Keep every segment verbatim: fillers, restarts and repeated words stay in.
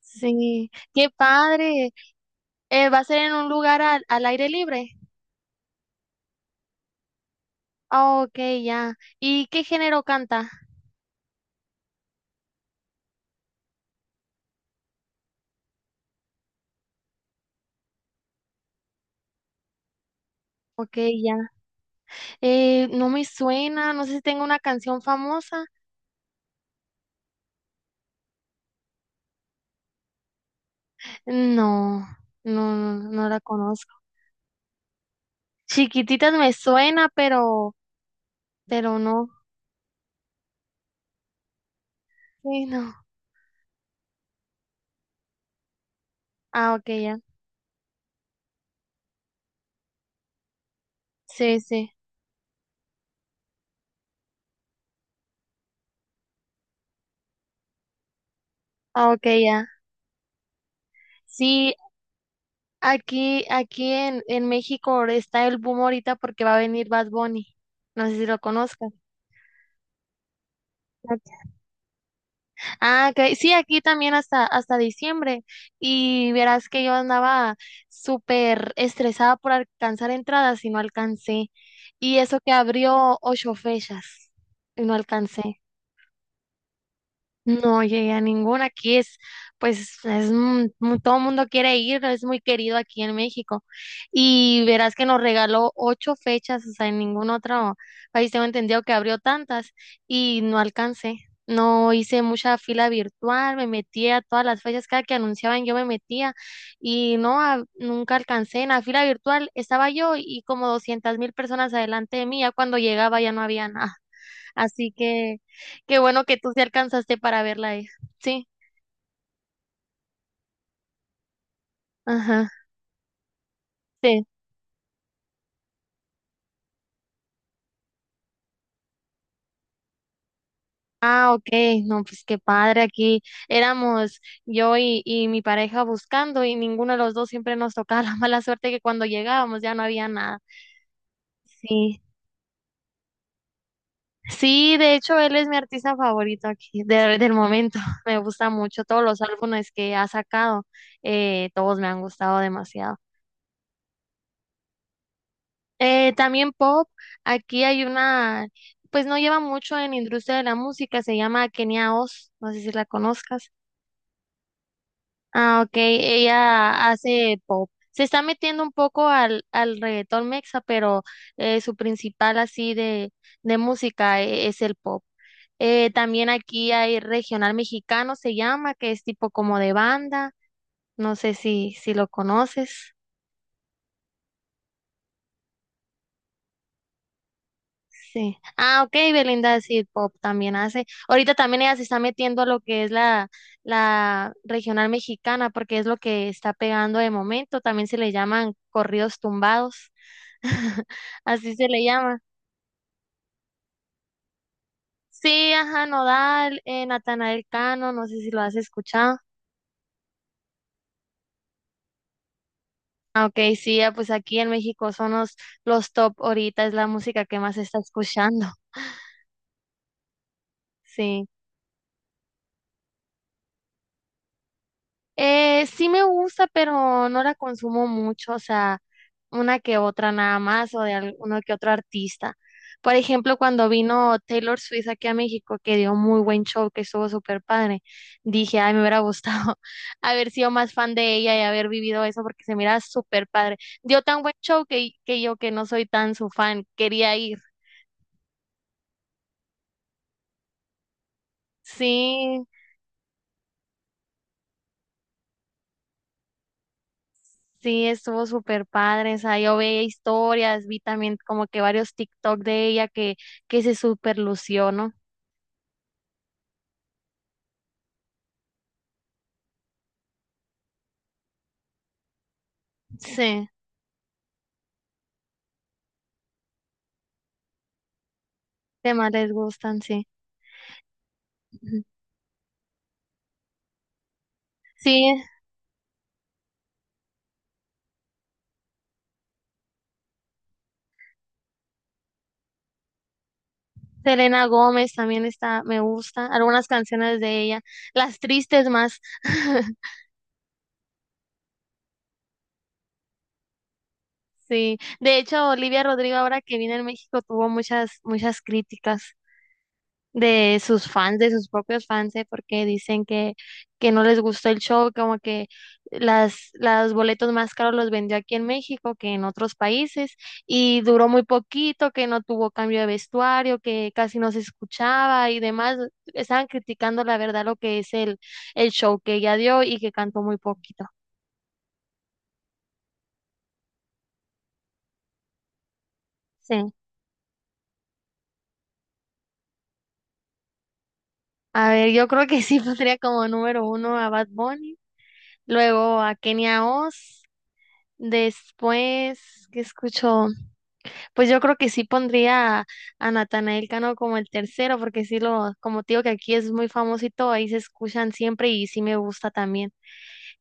Sí, qué padre. Eh, ¿va a ser en un lugar al, al aire libre? Ah, ok, ya. ¿Y qué género canta? Ok, ya. Eh, no me suena, no sé si tengo una canción famosa. No, no, no, no la conozco. Chiquititas me suena, pero, pero no. Sí, no. Ah, ok, ya. Sí, sí. Ah, ok, ya. Sí, aquí, aquí en, en México está el boom ahorita porque va a venir Bad Bunny. No sé si lo conozcas. Ok. Ah, ok. Sí, aquí también hasta, hasta diciembre. Y verás que yo andaba súper estresada por alcanzar entradas y no alcancé. Y eso que abrió ocho fechas y no alcancé. No llegué a ninguna. Aquí es, pues, es, mu- mu- todo el mundo quiere ir, es muy querido aquí en México. Y verás que nos regaló ocho fechas, o sea, en ningún otro país tengo entendido que abrió tantas y no alcancé. No hice mucha fila virtual, me metía a todas las fechas, cada que anunciaban yo me metía y no, a- nunca alcancé. En la fila virtual estaba yo y como doscientas mil personas adelante de mí, ya cuando llegaba ya no había nada. Así que qué bueno que tú sí alcanzaste para verla, hija. Sí, ajá, sí. Ah, ok, no, pues qué padre, aquí éramos yo y, y mi pareja buscando y ninguno de los dos siempre nos tocaba la mala suerte que cuando llegábamos ya no había nada. Sí, sí, de hecho él es mi artista favorito aquí de- del momento, me gusta mucho todos los álbumes que ha sacado, eh, Todos me han gustado demasiado. Eh, también pop, aquí hay una, pues no lleva mucho en industria de la música, se llama Kenia Oz, no sé si la conozcas. Ah, ok, ella hace pop. Se está metiendo un poco al, al reggaetón mexa, pero eh, su principal así de, de música e- es el pop. Eh, también aquí hay regional mexicano, se llama, que es tipo como de banda, no sé si, si lo conoces. Sí. Ah, ok, Belinda sí, pop también hace. Ahorita también ella se está metiendo a lo que es la, la regional mexicana, porque es lo que está pegando de momento. También se le llaman corridos tumbados. Así se le llama. Sí, ajá, Nodal, eh, Natanael Cano, no sé si lo has escuchado. Ah, ok, sí, ya, pues aquí en México son los, los top ahorita, es la música que más se está escuchando. Sí. Eh, sí me gusta, pero no la consumo mucho, o sea, una que otra nada más o de alguno que otro artista. Por ejemplo, cuando vino Taylor Swift aquí a México, que dio muy buen show, que estuvo súper padre, dije, ay, me hubiera gustado haber sido más fan de ella y haber vivido eso porque se mira súper padre. Dio tan buen show que, que yo que no soy tan su fan, quería ir. Sí. Sí, estuvo súper padre, o sea, yo veía historias, vi también como que varios TikTok de ella que, que se súper lució, ¿no? Sí, que más les gustan, sí. Ujú. Sí, Selena Gómez también está, me gusta, algunas canciones de ella, las tristes más, sí. De hecho, Olivia Rodrigo ahora que viene en México tuvo muchas, muchas críticas. de sus fans, de sus propios fans, ¿eh? Porque dicen que, que no les gustó el show, como que las, los boletos más caros los vendió aquí en México que en otros países y duró muy poquito, que no tuvo cambio de vestuario, que casi no se escuchaba y demás. Estaban criticando la verdad lo que es el, el show que ella dio y que cantó muy poquito. Sí. A ver, yo creo que sí pondría como número uno a Bad Bunny, luego a Kenia Oz, después, ¿qué escucho? Pues yo creo que sí pondría a Natanael Cano como el tercero, porque sí lo, como te digo que aquí es muy famoso y todo, ahí se escuchan siempre y sí me gusta también.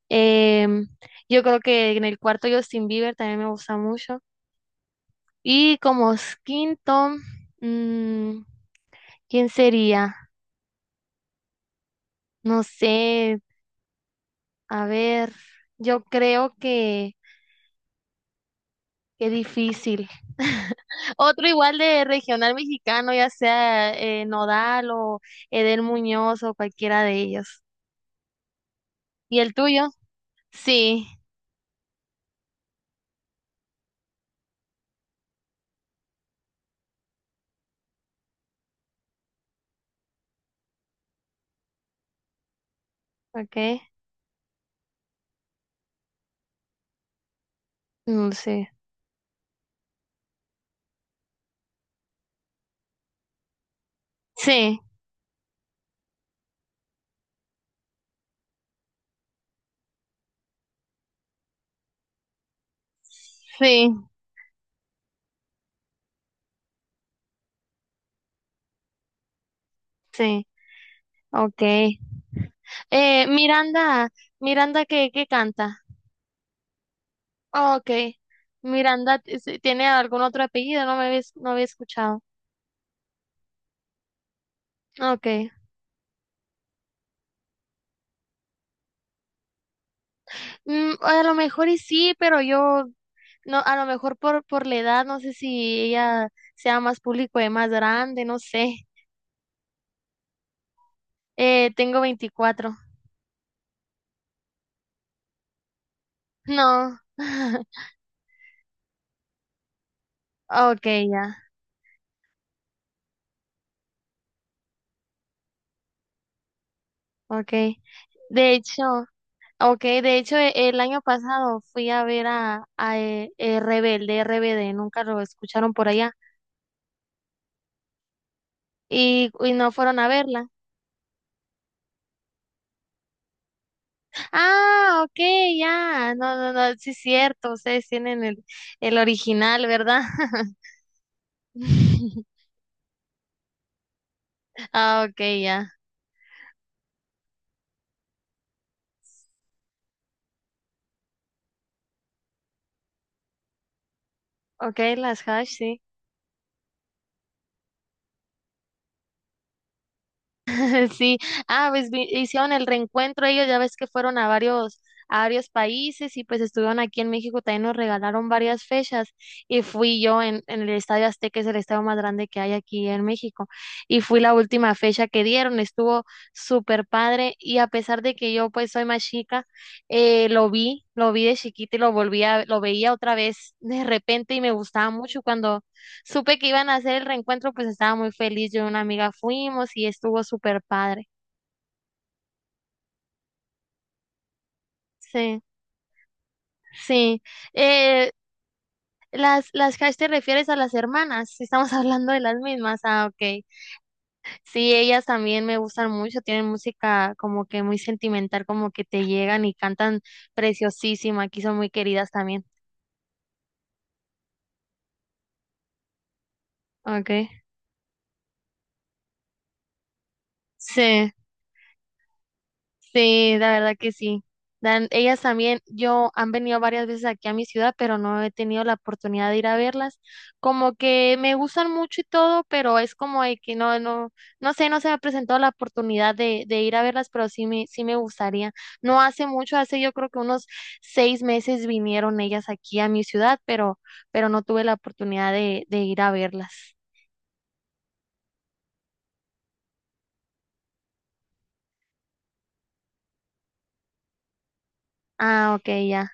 Em, yo creo que en el cuarto Justin Bieber también me gusta mucho. Y como s- quinto, mm, ¿quién sería? No sé, a ver, yo creo que Qué difícil. Otro igual de regional mexicano, ya sea eh, Nodal o Edel Muñoz o cualquiera de ellos. ¿Y el tuyo? Sí, ok. no sí. Sí, sí, sí. Ok. Eh, Miranda, Miranda, ¿qué, qué canta? Oh, ok. Miranda, t- sí, ¿tiene algún otro apellido? No me había, no había escuchado. Ok. Mm, a lo mejor y sí, pero yo no, a lo mejor por, por la edad, no sé si ella sea más público y más grande, no sé. Eh, tengo veinticuatro. No. Ok, ya. Ok. De hecho, ok, de hecho e- el año pasado fui a ver a, a eh, eh, Rebelde, R B D, nunca lo escucharon por allá y, y no fueron a verla. Ah, ok, ya. No, no, no, sí es cierto, ustedes tienen el, el original, ¿verdad? Ah, ok, ya. Ok, las Hash, sí. Sí. Ah, pues vi- hicieron el reencuentro ellos, ya ves que fueron a varios, a varios países y pues estuvieron aquí en México, también nos regalaron varias fechas y fui yo en, en el Estadio Azteca, es el estadio más grande que hay aquí en México. Y fui la última fecha que dieron, estuvo súper padre y a pesar de que yo pues soy más chica, eh, lo vi, lo vi de chiquita y lo volví a, lo veía otra vez de repente y me gustaba mucho cuando supe que iban a hacer el reencuentro, pues estaba muy feliz. Yo y una amiga fuimos y estuvo súper padre. Sí, sí. Eh, las, las Hash te refieres a las hermanas. Estamos hablando de las mismas. Ah, ok. Sí, ellas también me gustan mucho. Tienen música como que muy sentimental, como que te llegan y cantan preciosísima. Aquí son muy queridas también. Ok. Sí. Sí, la verdad que sí. Dan, ellas también, yo han venido varias veces aquí a mi ciudad, pero no he tenido la oportunidad de ir a verlas. Como que me gustan mucho y todo, pero es como de que no, no, no sé, no se me ha presentado la oportunidad de, de ir a verlas, pero sí me, sí me gustaría. No hace mucho, hace yo creo que unos seis meses vinieron ellas aquí a mi ciudad, pero, pero no tuve la oportunidad de, de ir a verlas. Ah, ok, ya.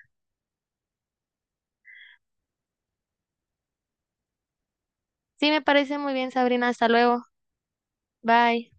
Sí, me parece muy bien, Sabrina. Hasta luego. Bye.